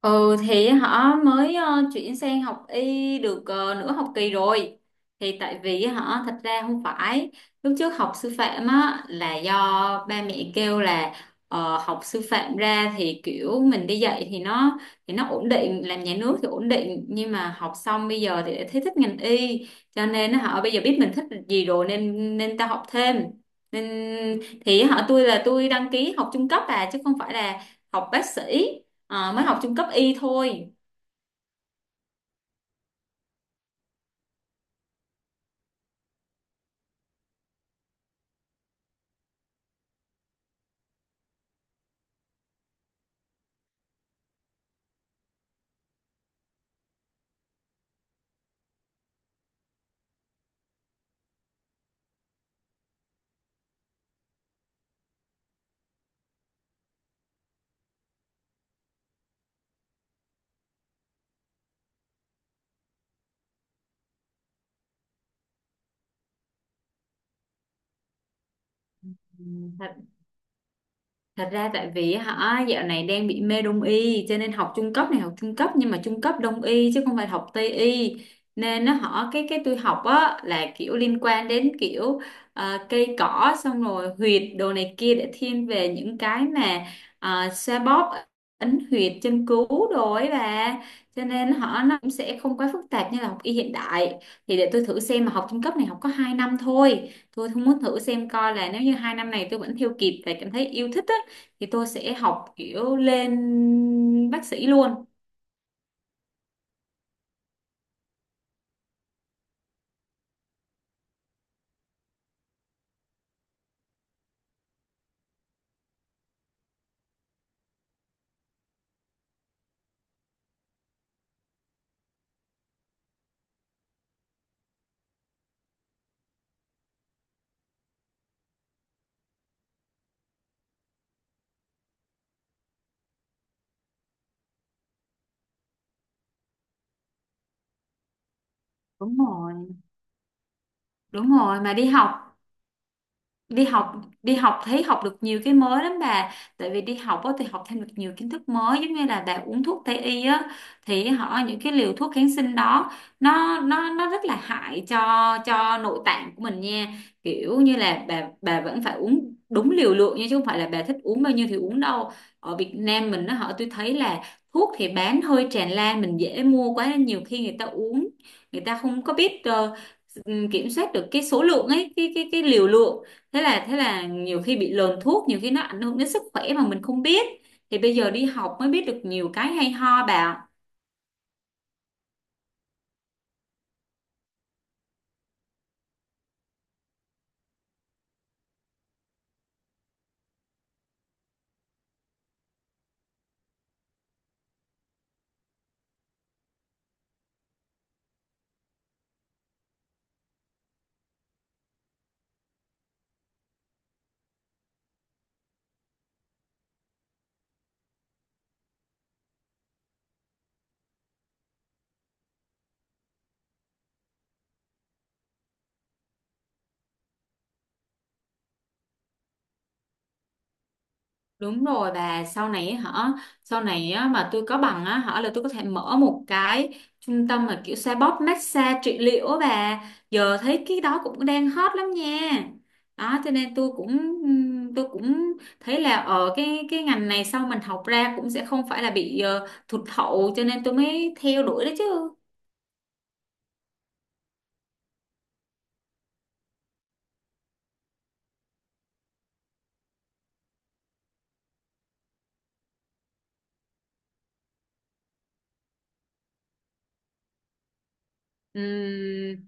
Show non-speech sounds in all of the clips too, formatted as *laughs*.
Ừ thì họ mới chuyển sang học y được nửa học kỳ rồi. Thì tại vì họ thật ra không phải, lúc trước học sư phạm á là do ba mẹ kêu là học sư phạm ra thì kiểu mình đi dạy thì nó ổn định, làm nhà nước thì ổn định, nhưng mà học xong bây giờ thì lại thấy thích ngành y, cho nên họ bây giờ biết mình thích gì rồi nên nên tao học thêm. Nên thì họ tôi là tôi đăng ký học trung cấp à, chứ không phải là học bác sĩ. Ờ, mới học trung cấp y thôi. Ừ, Thật Thật ra tại vì hả dạo này đang bị mê đông y, cho nên học trung cấp, này học trung cấp nhưng mà trung cấp đông y chứ không phải học tây y. Nên nó họ cái tôi học á là kiểu liên quan đến kiểu cây cỏ, xong rồi huyệt đồ này kia, để thiên về những cái mà xoa bóp, ấn huyệt, châm cứu đồ ấy bà, cho nên họ nó cũng sẽ không quá phức tạp như là học y hiện đại. Thì để tôi thử xem, mà học trung cấp này học có 2 năm thôi, tôi không muốn thử xem coi là nếu như 2 năm này tôi vẫn theo kịp và cảm thấy yêu thích á thì tôi sẽ học kiểu lên bác sĩ luôn. Đúng rồi. Đúng rồi, mà đi học đi học thấy học được nhiều cái mới lắm bà. Tại vì đi học á thì học thêm được nhiều kiến thức mới, giống như là bà uống thuốc tây y á, thì họ những cái liều thuốc kháng sinh đó, nó rất là hại cho nội tạng của mình nha. Kiểu như là bà vẫn phải uống đúng liều lượng nha, chứ không phải là bà thích uống bao nhiêu thì uống đâu. Ở Việt Nam mình nó họ tôi thấy là thuốc thì bán hơi tràn lan, mình dễ mua quá nên nhiều khi người ta uống, người ta không có biết kiểm soát được cái số lượng ấy, cái liều lượng. Thế là nhiều khi bị lờn thuốc, nhiều khi nó ảnh hưởng đến sức khỏe mà mình không biết. Thì bây giờ đi học mới biết được nhiều cái hay ho bà. Đúng rồi bà, sau này ấy hả, sau này á, mà tôi có bằng á hả là tôi có thể mở một cái trung tâm mà kiểu xoa bóp massage trị liệu á bà. Giờ thấy cái đó cũng đang hot lắm nha. Đó cho nên tôi cũng thấy là ở cái ngành này sau mình học ra cũng sẽ không phải là bị thụt hậu, cho nên tôi mới theo đuổi đó chứ. Ừm,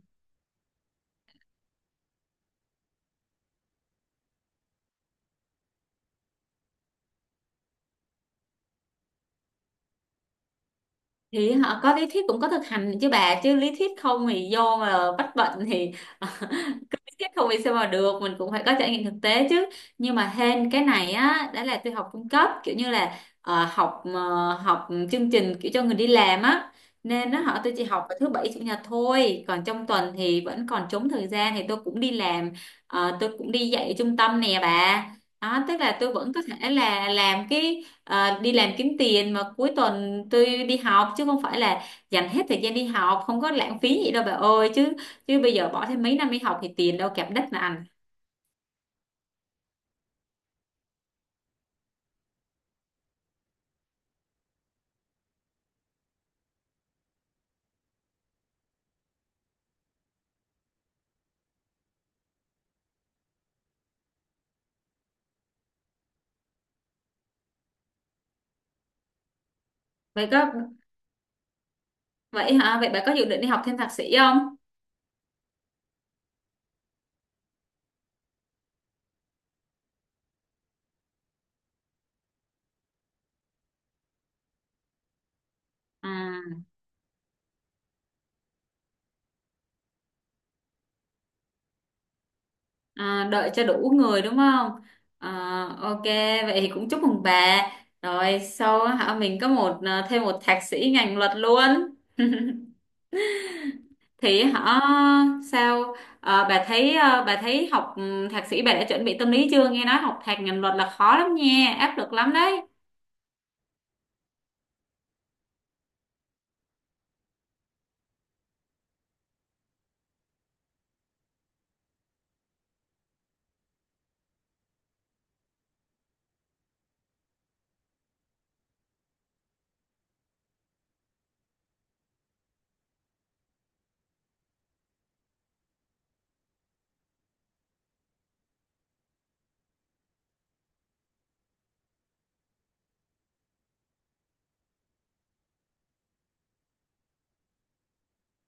thì họ có lý thuyết cũng có thực hành chứ bà, chứ lý thuyết không thì vô mà bắt bệnh thì *laughs* cứ lý thuyết không thì sao mà được, mình cũng phải có trải nghiệm thực tế chứ. Nhưng mà hên cái này á, đó là tôi học trung cấp kiểu như là học học chương trình kiểu cho người đi làm á, nên nó họ tôi chỉ học vào thứ bảy chủ nhật thôi, còn trong tuần thì vẫn còn trống thời gian thì tôi cũng đi làm. Ờ, tôi cũng đi dạy ở trung tâm nè bà, đó tức là tôi vẫn có thể là làm cái. Ờ, đi làm kiếm tiền, mà cuối tuần tôi đi học, chứ không phải là dành hết thời gian đi học, không có lãng phí gì đâu bà ơi chứ, chứ bây giờ bỏ thêm mấy năm đi học thì tiền đâu kẹp đất mà ăn. Vậy có, vậy hả, vậy bà có dự định đi học thêm thạc sĩ không? À, à, đợi cho đủ người đúng không? Ờ, ok, vậy thì cũng chúc mừng bà, rồi sau hả mình có một thêm một thạc sĩ ngành luật luôn. Thì hả, sao? Ờ, bà thấy, bà thấy học thạc sĩ, bà đã chuẩn bị tâm lý chưa, nghe nói học thạc ngành luật là khó lắm nha, áp lực lắm đấy.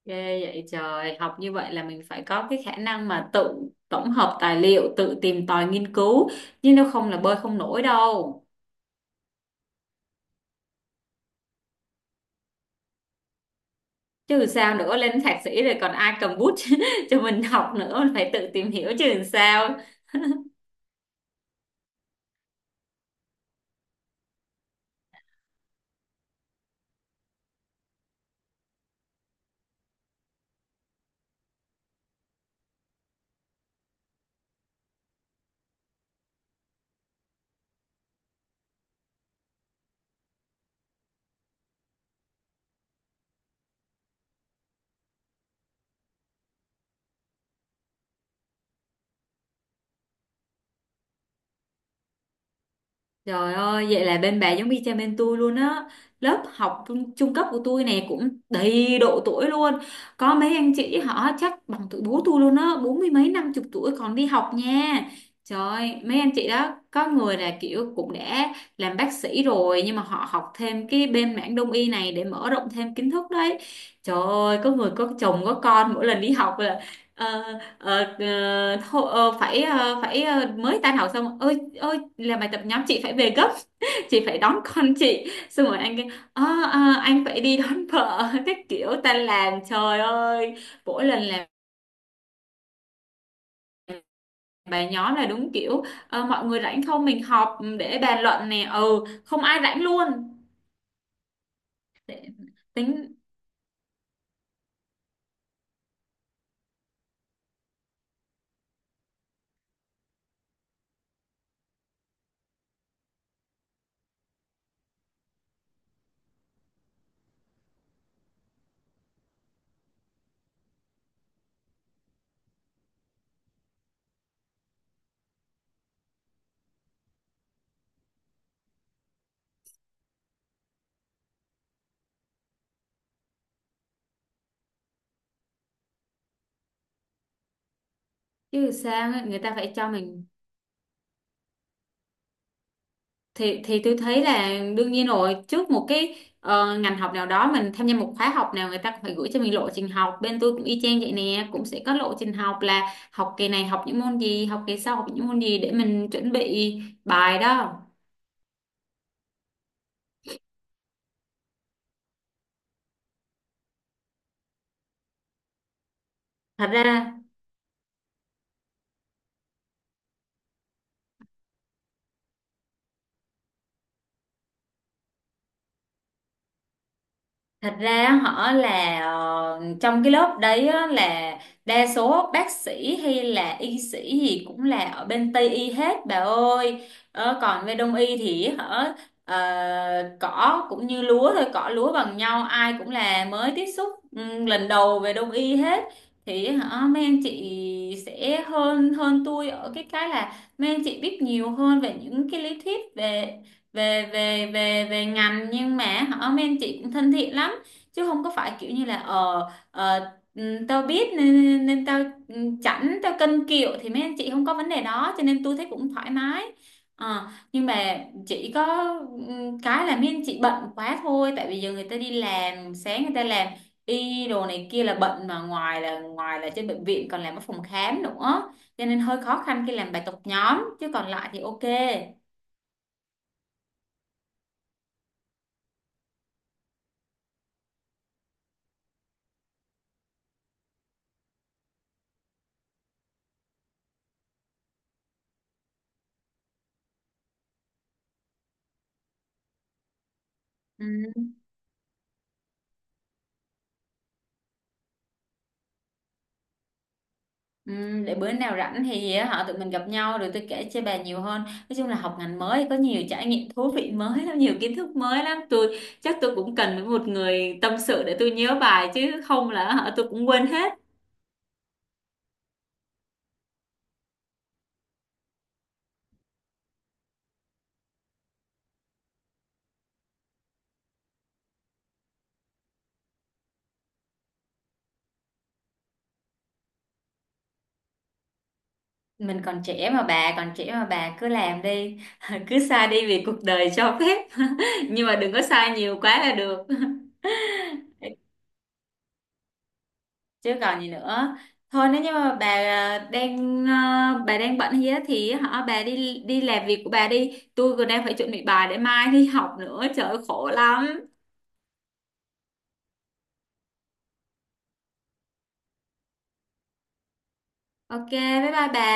Ghê vậy trời, học như vậy là mình phải có cái khả năng mà tự tổng hợp tài liệu, tự tìm tòi nghiên cứu, chứ nếu không là bơi không nổi đâu. Chứ sao nữa, lên thạc sĩ rồi còn ai cầm bút *laughs* cho mình học nữa, phải tự tìm hiểu chứ làm sao. Trời ơi, vậy là bên bà giống y chang bên tôi luôn á. Lớp học trung cấp của tôi này cũng đầy độ tuổi luôn. Có mấy anh chị họ chắc bằng tuổi bố tôi luôn á, bốn mươi mấy năm chục tuổi còn đi học nha. Trời, mấy anh chị đó có người là kiểu cũng đã làm bác sĩ rồi, nhưng mà họ học thêm cái bên mảng đông y này để mở rộng thêm kiến thức đấy. Trời ơi, có người có chồng có con, mỗi lần đi học ờ, ờ, ờ, hô- ờ, phải ờ, phải ờ, mới tan học xong, ơi ơi làm bài tập nhóm, chị phải về gấp, chị phải đón con chị, xong rồi anh kêu "Ờ, anh phải đi đón vợ" *laughs* các kiểu tan làm trời ơi, mỗi lần làm bài nhóm là đúng kiểu mọi người rảnh không mình họp để bàn luận nè, ừ không ai rảnh luôn. Để-, tính, chứ sao ấy, người ta phải cho mình. Thì tôi thấy là đương nhiên rồi, trước một cái ngành học nào đó mình tham gia một khóa học nào, người ta cũng phải gửi cho mình lộ trình học. Bên tôi cũng y chang vậy nè, cũng sẽ có lộ trình học là học kỳ này học những môn gì, học kỳ sau học những môn gì để mình chuẩn bị bài đó. Thật ra, thật ra họ là trong cái lớp đấy á, là đa số bác sĩ hay là y sĩ gì cũng là ở bên Tây y hết bà ơi. Ờ, còn về Đông y thì họ ờ, cỏ cũng như lúa thôi, cỏ lúa bằng nhau, ai cũng là mới tiếp xúc ừ, lần đầu về Đông y hết. Thì hả mấy anh chị sẽ hơn hơn tôi ở cái là mấy anh chị biết nhiều hơn về những cái lý thuyết về về về về về ngành, nhưng mà họ mấy anh chị cũng thân thiện lắm, chứ không có phải kiểu như là tao biết nên, nên tao ừ, chảnh tao cân kiệu, thì mấy anh chị không có vấn đề đó, cho nên tôi thấy cũng thoải mái. Ờ, nhưng mà chỉ có cái là mấy anh chị bận quá thôi, tại vì giờ người ta đi làm sáng, người ta làm y đồ này kia là bận, mà ngoài là trên bệnh viện còn làm ở phòng khám nữa, cho nên hơi khó khăn khi làm bài tập nhóm, chứ còn lại thì ok. Ừ. Ừ, để bữa nào rảnh thì họ tụi mình gặp nhau rồi tôi kể cho bà nhiều hơn, nói chung là học ngành mới có nhiều trải nghiệm thú vị mới lắm, nhiều kiến thức mới lắm, tôi chắc tôi cũng cần với một người tâm sự để tôi nhớ bài, chứ không là họ tôi cũng quên hết. Mình còn trẻ mà, bà còn trẻ mà bà cứ làm đi *laughs* cứ sai đi vì cuộc đời cho phép *laughs* nhưng mà đừng có sai nhiều quá là được *laughs* chứ còn gì nữa. Thôi nếu như mà bà đang bà đang bận gì á thì hả bà đi, đi làm việc của bà đi, tôi còn đang phải chuẩn bị bài để mai đi học nữa, trời ơi, khổ lắm. Ok bye bye bà.